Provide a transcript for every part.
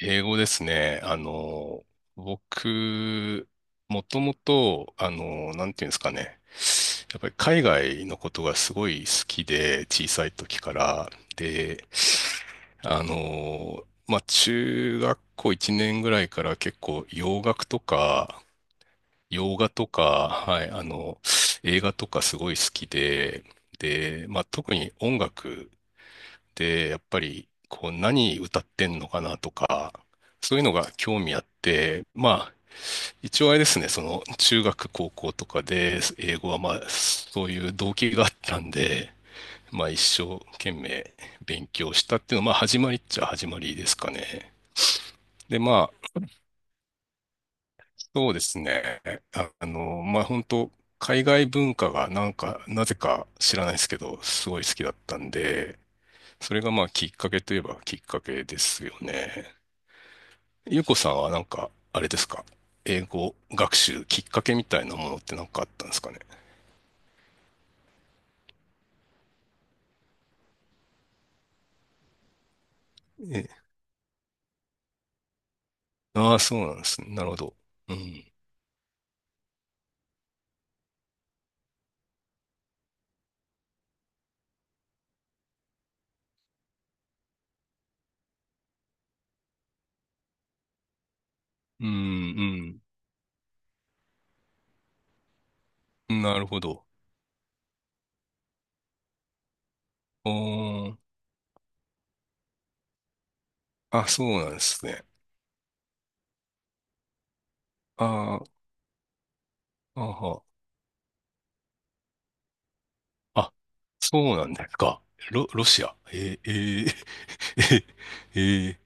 英語ですね。僕、もともと、なんていうんですかね。やっぱり海外のことがすごい好きで、小さい時から。で、まあ、中学校1年ぐらいから結構洋楽とか、洋画とか、はい、映画とかすごい好きで、で、まあ、特に音楽で、やっぱりこう何歌ってんのかなとか、そういうのが興味あって、まあ、一応あれですね、その中学、高校とかで英語はまあ、そういう動機があったんで、まあ一生懸命勉強したっていうのは、まあ始まりっちゃ始まりですかね。で、まあ、そうですね。まあ本当海外文化がなんか、なぜか知らないですけど、すごい好きだったんで、それがまあきっかけといえばきっかけですよね。ゆうこさんはなんか、あれですか、英語学習きっかけみたいなものってなんかあったんですかね？ええ、ああ、そうなんですね。なるほど。うん。うん、うん。なるほど。おー、あ、そうなんですね。あー、あは、あ、そうなんですか？ロシア。えー、えー、え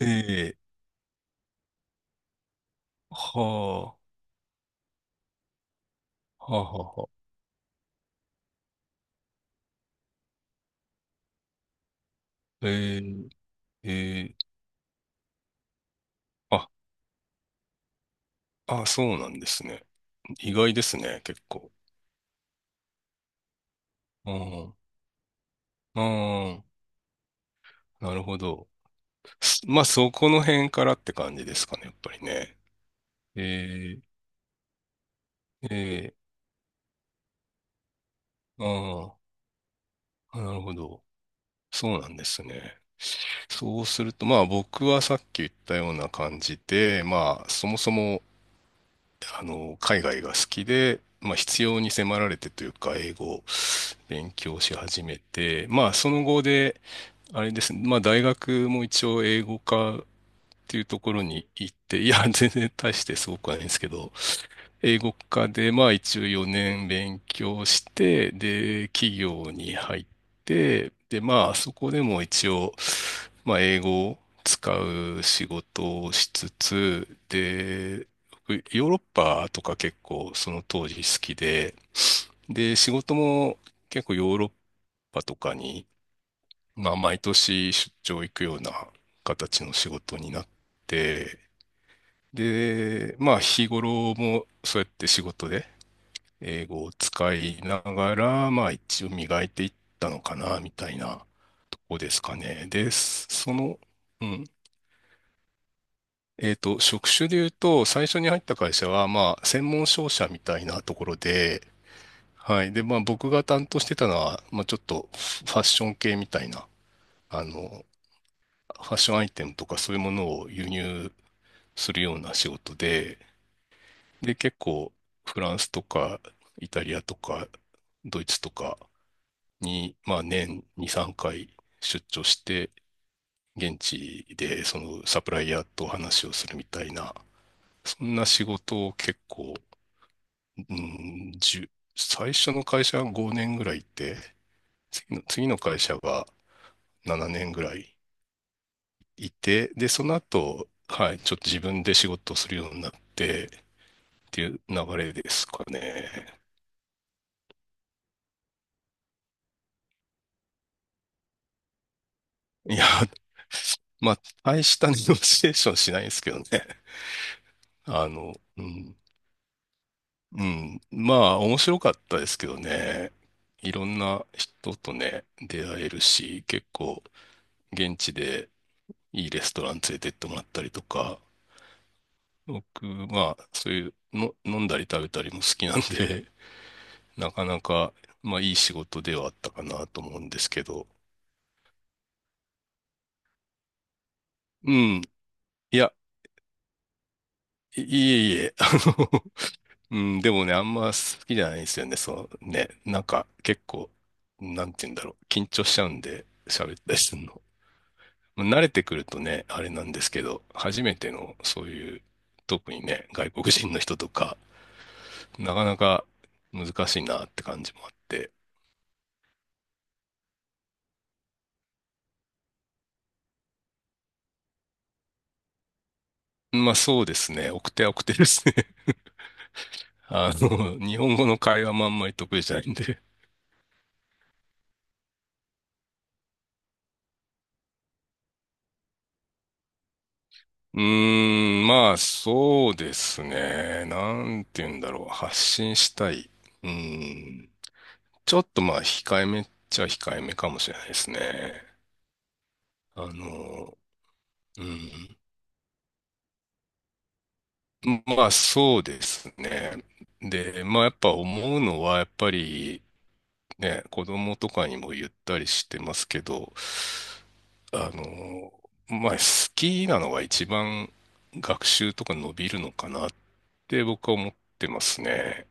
ー、えー、えー、はあ、はあ、はあ、えー、えー、あ、あ、そうなんですね。意外ですね、結構。うん、うん。なるほど。まあ、そこの辺からって感じですかね、やっぱりね。えー、えー、ああ、なるほど。そうなんですね。そうすると、まあ、僕はさっき言ったような感じで、まあ、そもそも、海外が好きで、まあ、必要に迫られてというか、英語を勉強し始めて、まあ、その後で、あれですね、まあ、大学も一応英語科っていうところに行って、いや、全然大してすごくはないんですけど、英語科で、まあ一応4年勉強して、で、企業に入って、で、まあそこでも一応、まあ英語を使う仕事をしつつ、で、僕ヨーロッパとか結構その当時好きで、で、仕事も結構ヨーロッパとかに、まあ毎年出張行くような形の仕事になって、で、まあ日頃もそうやって仕事で英語を使いながら、まあ一応磨いていったのかな、みたいなとこですかね。で、うん。職種で言うと、最初に入った会社は、まあ、専門商社みたいなところで、はい。で、まあ、僕が担当してたのは、まあ、ちょっとファッション系みたいな、あの、ファッションアイテムとかそういうものを輸入するような仕事で、で、結構、フランスとか、イタリアとか、ドイツとか、に、まあ、年2、3回出張して、現地でそのサプライヤーと話をするみたいな、そんな仕事を結構、うん、最初の会社が5年ぐらいいて、次の会社が7年ぐらいいて、で、その後、はい、ちょっと自分で仕事をするようになってっていう流れですかね。いや、まあ、大した ネゴシエーションしないですけどね。うん、うん。まあ、面白かったですけどね。いろんな人とね、出会えるし、結構、現地でいいレストラン連れてってもらったりとか、僕、まあ、そういうの、飲んだり食べたりも好きなんで、なかなか、まあ、いい仕事ではあったかなと思うんですけど。うん。いや、いいえいえ、の、うん、でもね、あんま好きじゃないんですよね。そのね、なんか、結構、なんて言うんだろう、緊張しちゃうんで、喋ったりするの。慣れてくるとね、あれなんですけど、初めてのそういう、特にね、外国人の人とか、なかなか難しいなって感じもあって。まあそうですね、奥手は奥手ですね。日本語の会話もあんまり得意じゃないんで。うーん、まあそうですね、なんて言うんだろう、発信したい。うーん、ちょっとまあ控えめっちゃ控えめかもしれないですね。あの、うん。まあそうですね。で、まあやっぱ思うのはやっぱりね、子供とかにも言ったりしてますけど、あの、まあ好きなのが一番学習とか伸びるのかなって僕は思ってますね。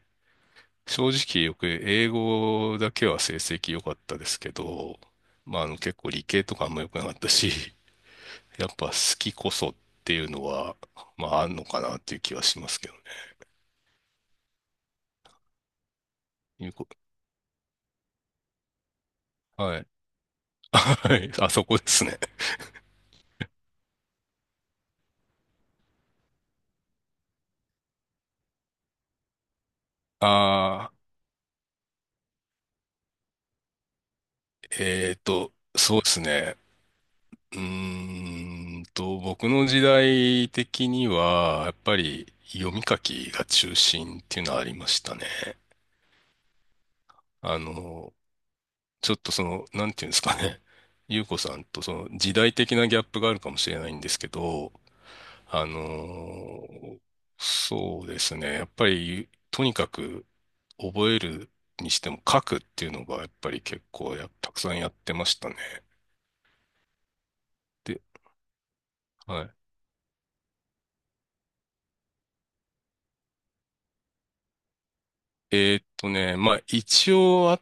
正直よく英語だけは成績良かったですけど、まあ結構理系とかあんま良くなかったし、やっぱ好きこそっていうのは、まああんのかなっていう気はしますけどね。いうこはい。はい。あそこですね。ああ、そうですね。僕の時代的には、やっぱり読み書きが中心っていうのはありましたね。あの、ちょっとなんていうんですかね。ゆうこさんとその時代的なギャップがあるかもしれないんですけど、あの、そうですね。やっぱり、とにかく覚えるにしても書くっていうのがやっぱり結構たくさんやってましたね。で、はい。まあ一応あっ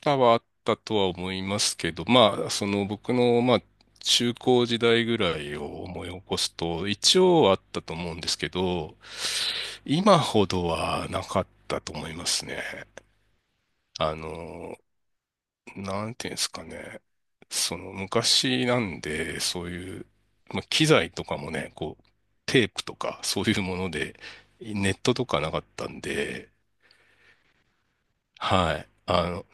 たはあったとは思いますけど、まあその僕のまあ中高時代ぐらいを思い起こすと一応あったと思うんですけど、今ほどはなかったと思いますね。あの、なんていうんですかね。その昔なんで、そういう、まあ、機材とかもね、こう、テープとかそういうもので、ネットとかなかったんで、はい。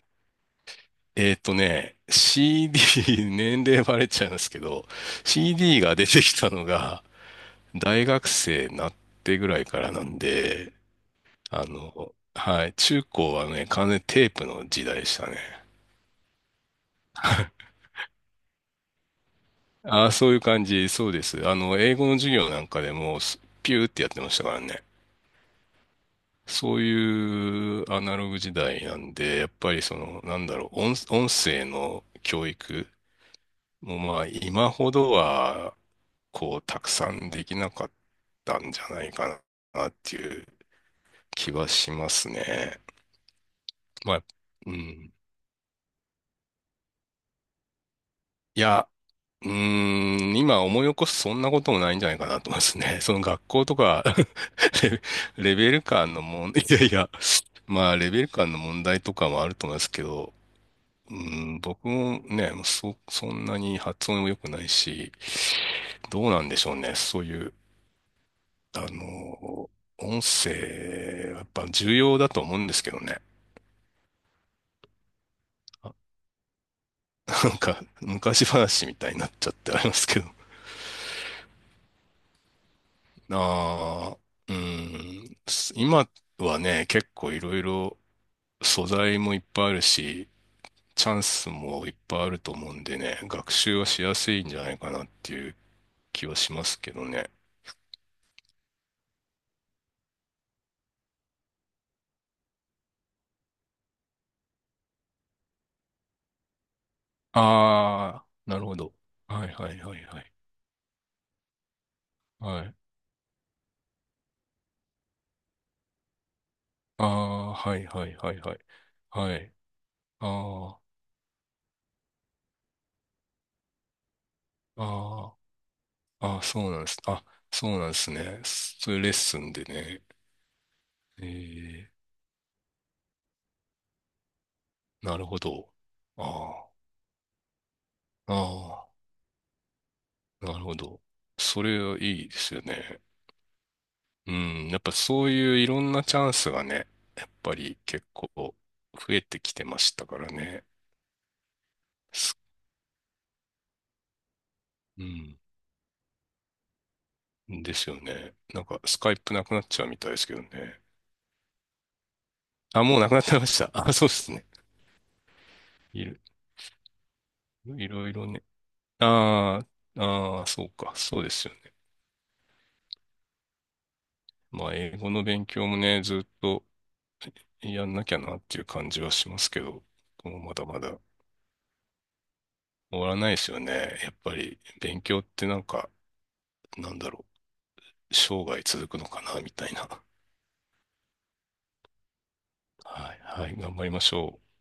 CD、年齢バレちゃうんですけど、CD が出てきたのが大学生になってぐらいからなんで、はい、中高はね、完全にテープの時代でしたね。ああ、そういう感じ、そうです。英語の授業なんかでも、ピューってやってましたからね。そういうアナログ時代なんで、やっぱりなんだろう、音声の教育もまあ、今ほどは、こう、たくさんできなかったんじゃないかな、っていう気はしますね。まあ、うん。いや、うーん、今思い起こすそんなこともないんじゃないかなと思いますね。その学校とか レベル感の問題、いやいや、まあレベル感の問題とかもあると思いますけど、うーん、僕もね、そんなに発音も良くないし、どうなんでしょうね。そういう、あの、音声、やっぱ重要だと思うんですけどね。あなんか、昔話みたいになっちゃってありますけど。ああ、うん、今はね、結構いろいろ素材もいっぱいあるし、チャンスもいっぱいあると思うんでね、学習はしやすいんじゃないかなっていう気はしますけどね。あー、なるほど。はいはいはいはい。はい。あー、はいはいはいはい。はい。あー、あー、あー、そうなんです。あ、そうなんですね。そういうレッスンでね。えー、なるほど。あー、あー、なるほど。それはいいですよね。うん、やっぱそういういろんなチャンスがね、やっぱり結構増えてきてましたからね。すうん、ですよね。なんかスカイプなくなっちゃうみたいですけどね。あ、もうなくなってました。あ、そうですね。いろ、いろいろね。ああ、ああ、そうか。そうですよね。まあ、英語の勉強もね、ずっとやんなきゃなっていう感じはしますけど、もうまだまだ終わらないですよね。やっぱり勉強ってなんか、なんだろう。生涯続くのかな、みたいな。はい、はい、頑張りましょう。